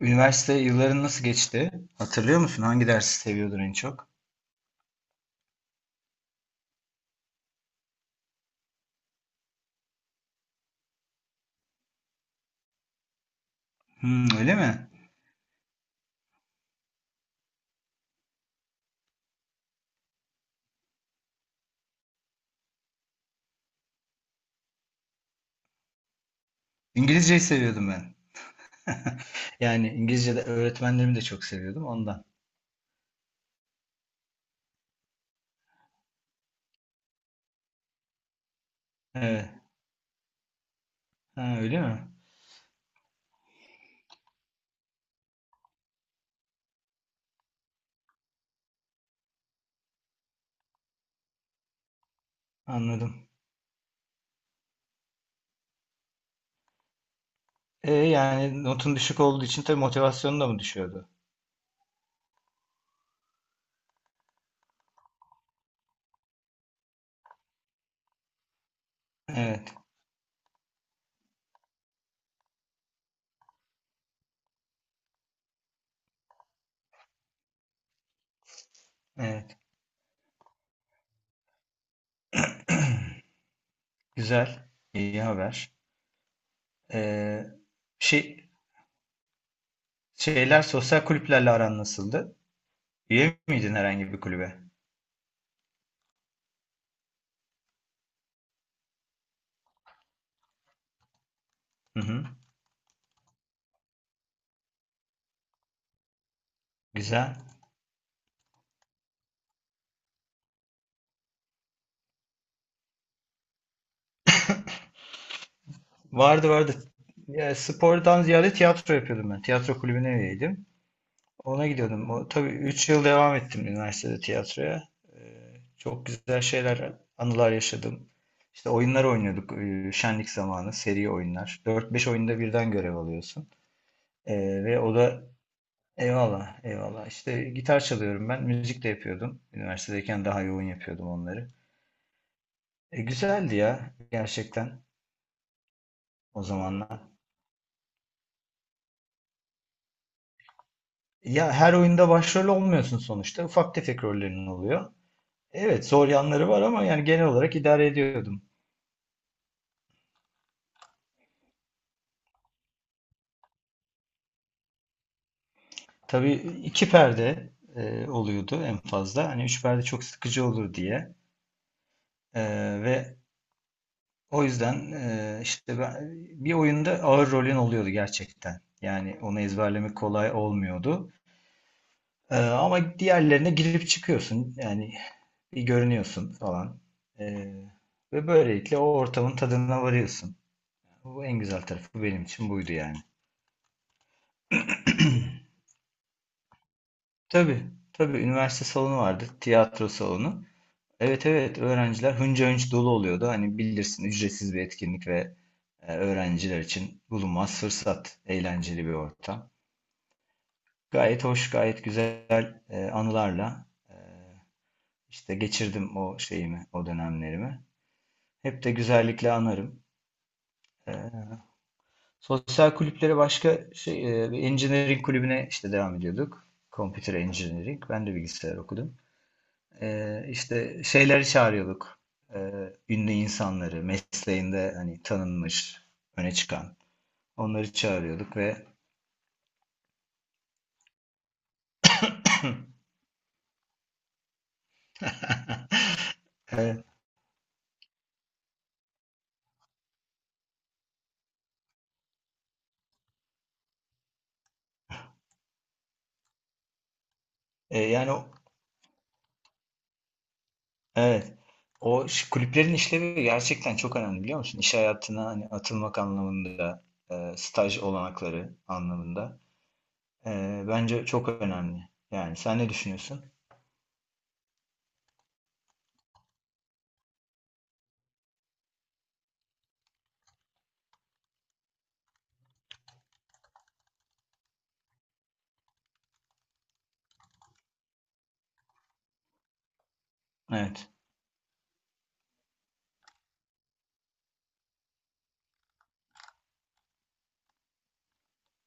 Üniversite yılların nasıl geçti? Hatırlıyor musun? Hangi dersi seviyordun en çok? Hmm, öyle mi? İngilizceyi seviyordum ben. Yani İngilizce'de öğretmenlerimi de çok seviyordum ondan. Evet. Ha, öyle mi? Anladım. Yani notun düşük olduğu için tabii motivasyonun da mı düşüyordu? Evet. Evet. Güzel. İyi haber. E, şey, şeyler sosyal kulüplerle aran nasıldı? Üye miydin herhangi bir kulübe? Hı hı. Güzel. Vardı. Ya, spordan ziyade tiyatro yapıyordum ben. Tiyatro kulübüne üyeydim. Ona gidiyordum. O, tabii 3 yıl devam ettim üniversitede tiyatroya. Çok güzel şeyler, anılar yaşadım. İşte oyunlar oynuyorduk şenlik zamanı, seri oyunlar. Dört beş oyunda birden görev alıyorsun. Ve o da Eyvallah, eyvallah. İşte gitar çalıyorum ben. Müzik de yapıyordum. Üniversitedeyken daha yoğun yapıyordum onları. Güzeldi ya gerçekten o zamanlar. Ya her oyunda başrol olmuyorsun sonuçta. Ufak tefek rollerin oluyor. Evet, zor yanları var ama yani genel olarak idare ediyordum. Tabii, iki perde oluyordu en fazla. Hani üç perde çok sıkıcı olur diye. E, ve o yüzden e, işte ben, Bir oyunda ağır rolün oluyordu gerçekten. Yani onu ezberlemek kolay olmuyordu. Ama diğerlerine girip çıkıyorsun. Yani bir görünüyorsun falan. E, ve Böylelikle o ortamın tadına varıyorsun. Bu en güzel tarafı benim için buydu yani. Tabii, tabii, üniversite salonu vardı, tiyatro salonu. Evet, evet, öğrenciler hınca hınç dolu oluyordu. Hani bilirsin, ücretsiz bir etkinlik ve öğrenciler için bulunmaz fırsat, eğlenceli bir ortam. Gayet hoş, gayet güzel anılarla işte geçirdim o şeyimi, o dönemlerimi. Hep de güzellikle anarım. E, Sosyal kulüpleri başka şey, engineering kulübüne işte devam ediyorduk. Computer Engineering. Ben de bilgisayar okudum. İşte şeyleri çağırıyorduk. Ünlü insanları, mesleğinde hani tanınmış, öne çıkan. Onları çağırıyorduk ve e, e, yani o- evet, kulüplerin işlevi gerçekten çok önemli biliyor musun? İş hayatına hani atılmak anlamında, staj olanakları anlamında. Bence çok önemli. Yani sen ne düşünüyorsun? Evet.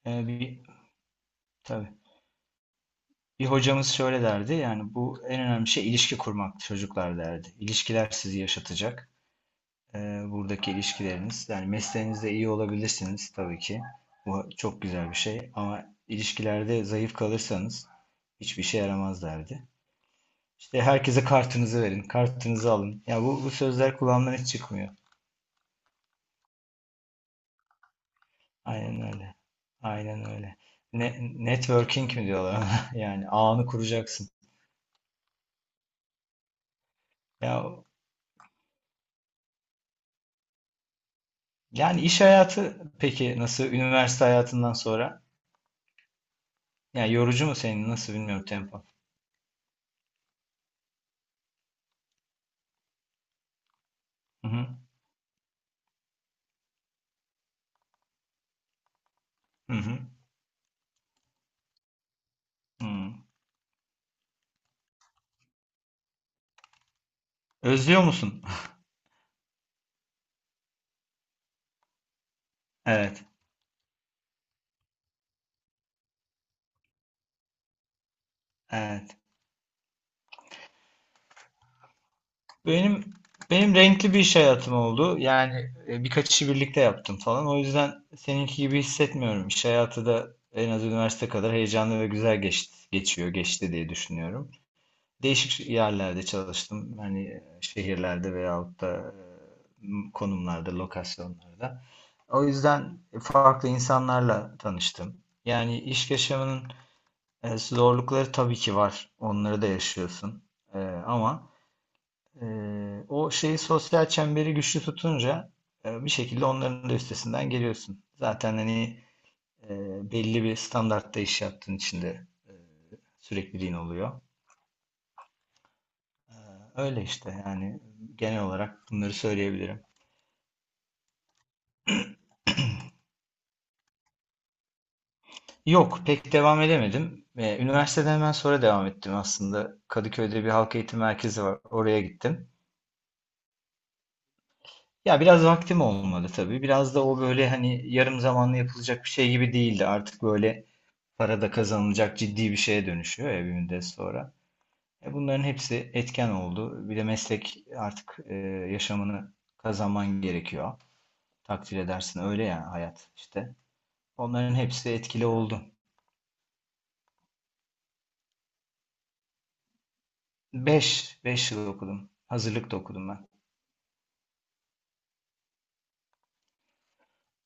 E, bir Tabii. Bir hocamız şöyle derdi, yani bu en önemli şey ilişki kurmak çocuklar derdi. İlişkiler sizi yaşatacak. Buradaki ilişkileriniz. Yani mesleğinizde iyi olabilirsiniz tabii ki. Bu çok güzel bir şey. Ama ilişkilerde zayıf kalırsanız hiçbir şey yaramaz derdi. İşte herkese kartınızı verin, kartınızı alın. Ya bu sözler kulağımdan hiç çıkmıyor. Aynen öyle. Aynen öyle. Ne, networking mi diyorlar ona? Yani ağını kuracaksın. Ya yani iş hayatı peki nasıl üniversite hayatından sonra? Yani yorucu mu senin? Nasıl bilmiyorum, tempo. Hı hı. Hı hı. Hı. Özlüyor musun? Evet, evet. Benim benim renkli bir iş hayatım oldu. Yani birkaç işi birlikte yaptım falan. O yüzden seninki gibi hissetmiyorum. İş hayatı da en az üniversite kadar heyecanlı ve güzel geçti, geçiyor, geçti diye düşünüyorum. Değişik yerlerde çalıştım. Hani şehirlerde veyahut da konumlarda, lokasyonlarda. O yüzden farklı insanlarla tanıştım. Yani iş yaşamının zorlukları tabii ki var. Onları da yaşıyorsun. E, ama O şeyi, sosyal çemberi güçlü tutunca bir şekilde onların da üstesinden geliyorsun. Zaten hani belli bir standartta iş yaptığın için de sürekliliğin oluyor. Ee, Öyle işte yani genel olarak bunları söyleyebilirim. Yok, pek devam edemedim. Üniversiteden hemen sonra devam ettim aslında. Kadıköy'de bir halk eğitim merkezi var. Oraya gittim. Ya biraz vaktim olmadı tabii. Biraz da o böyle hani yarım zamanlı yapılacak bir şey gibi değildi. Artık böyle para da kazanılacak ciddi bir şeye dönüşüyor ya bir müddet sonra. E, bunların hepsi etken oldu. Bir de meslek artık yaşamını kazanman gerekiyor. Takdir edersin, öyle ya hayat işte. Onların hepsi etkili oldu. Beş, yıl okudum. Hazırlıkta okudum ben.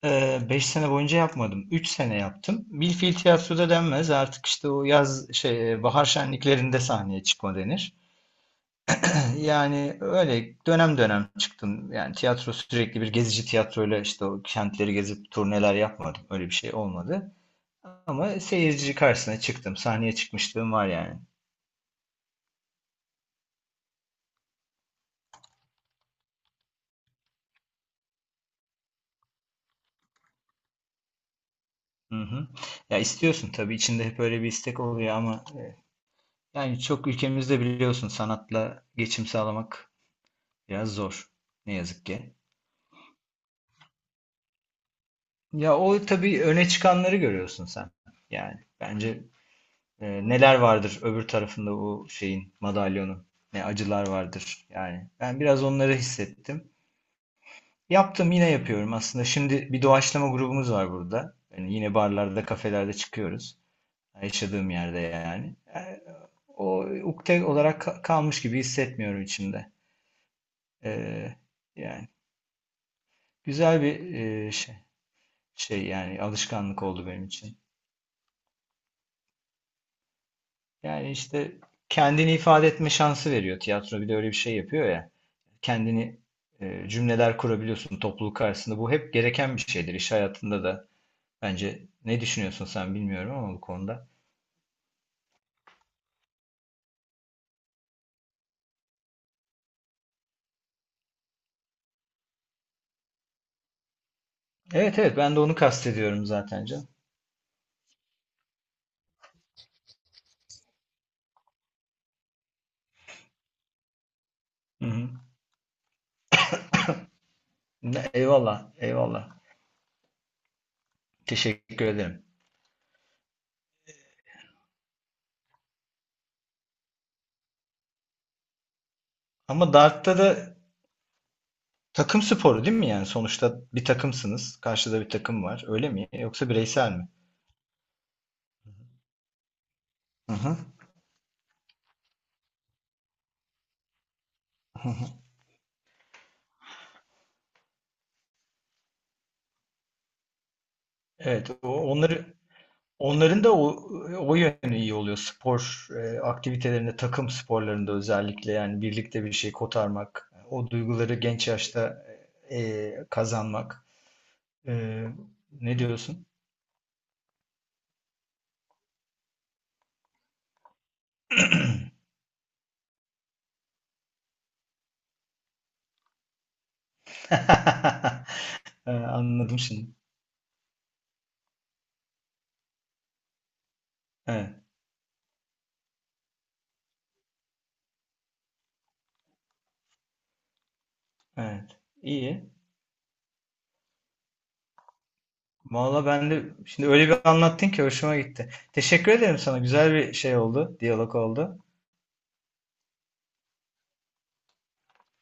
5 sene boyunca yapmadım. 3 sene yaptım. Bilfil tiyatroda denmez. Artık işte o yaz şey bahar şenliklerinde sahneye çıkma denir. Yani öyle dönem dönem çıktım. Yani tiyatro sürekli bir gezici tiyatroyla işte o kentleri gezip turneler yapmadım. Öyle bir şey olmadı. Ama seyirci karşısına çıktım. Sahneye çıkmışlığım var yani. Hı hı. Ya istiyorsun tabii, içinde hep öyle bir istek oluyor ama çok ülkemizde biliyorsun sanatla geçim sağlamak biraz zor. Ne yazık ki. Ya o tabii öne çıkanları görüyorsun sen. Yani bence neler vardır öbür tarafında bu şeyin, madalyonun? Ne acılar vardır yani. Ben biraz onları hissettim. Yaptım, yine yapıyorum aslında. Şimdi bir doğaçlama grubumuz var burada. Yani yine barlarda, kafelerde çıkıyoruz. Yaşadığım yerde yani. Yani o ukde olarak kalmış gibi hissetmiyorum içimde. Ee, yani Güzel bir yani alışkanlık oldu benim için. Yani işte kendini ifade etme şansı veriyor. Tiyatro bir de öyle bir şey yapıyor ya. Kendini cümleler kurabiliyorsun topluluk karşısında. Bu hep gereken bir şeydir iş hayatında da. Bence, ne düşünüyorsun sen bilmiyorum ama bu konuda. Evet, evet, ben de onu kastediyorum zaten canım. Hı hı. Eyvallah, eyvallah. Teşekkür ederim. Ama Dart'ta da takım sporu değil mi yani? Sonuçta bir takımsınız. Karşıda bir takım var. Öyle mi? Yoksa bireysel mi? Hı hı. Hı hı. Evet, onların da o, o yönü iyi oluyor. Spor aktivitelerinde, takım sporlarında özellikle yani birlikte bir şey kotarmak, o duyguları genç yaşta kazanmak. E, Ne diyorsun? Anladım şimdi. Evet, evet. İyi. Valla ben de şimdi öyle bir anlattın ki hoşuma gitti. Teşekkür ederim sana. Güzel bir şey oldu, diyalog oldu.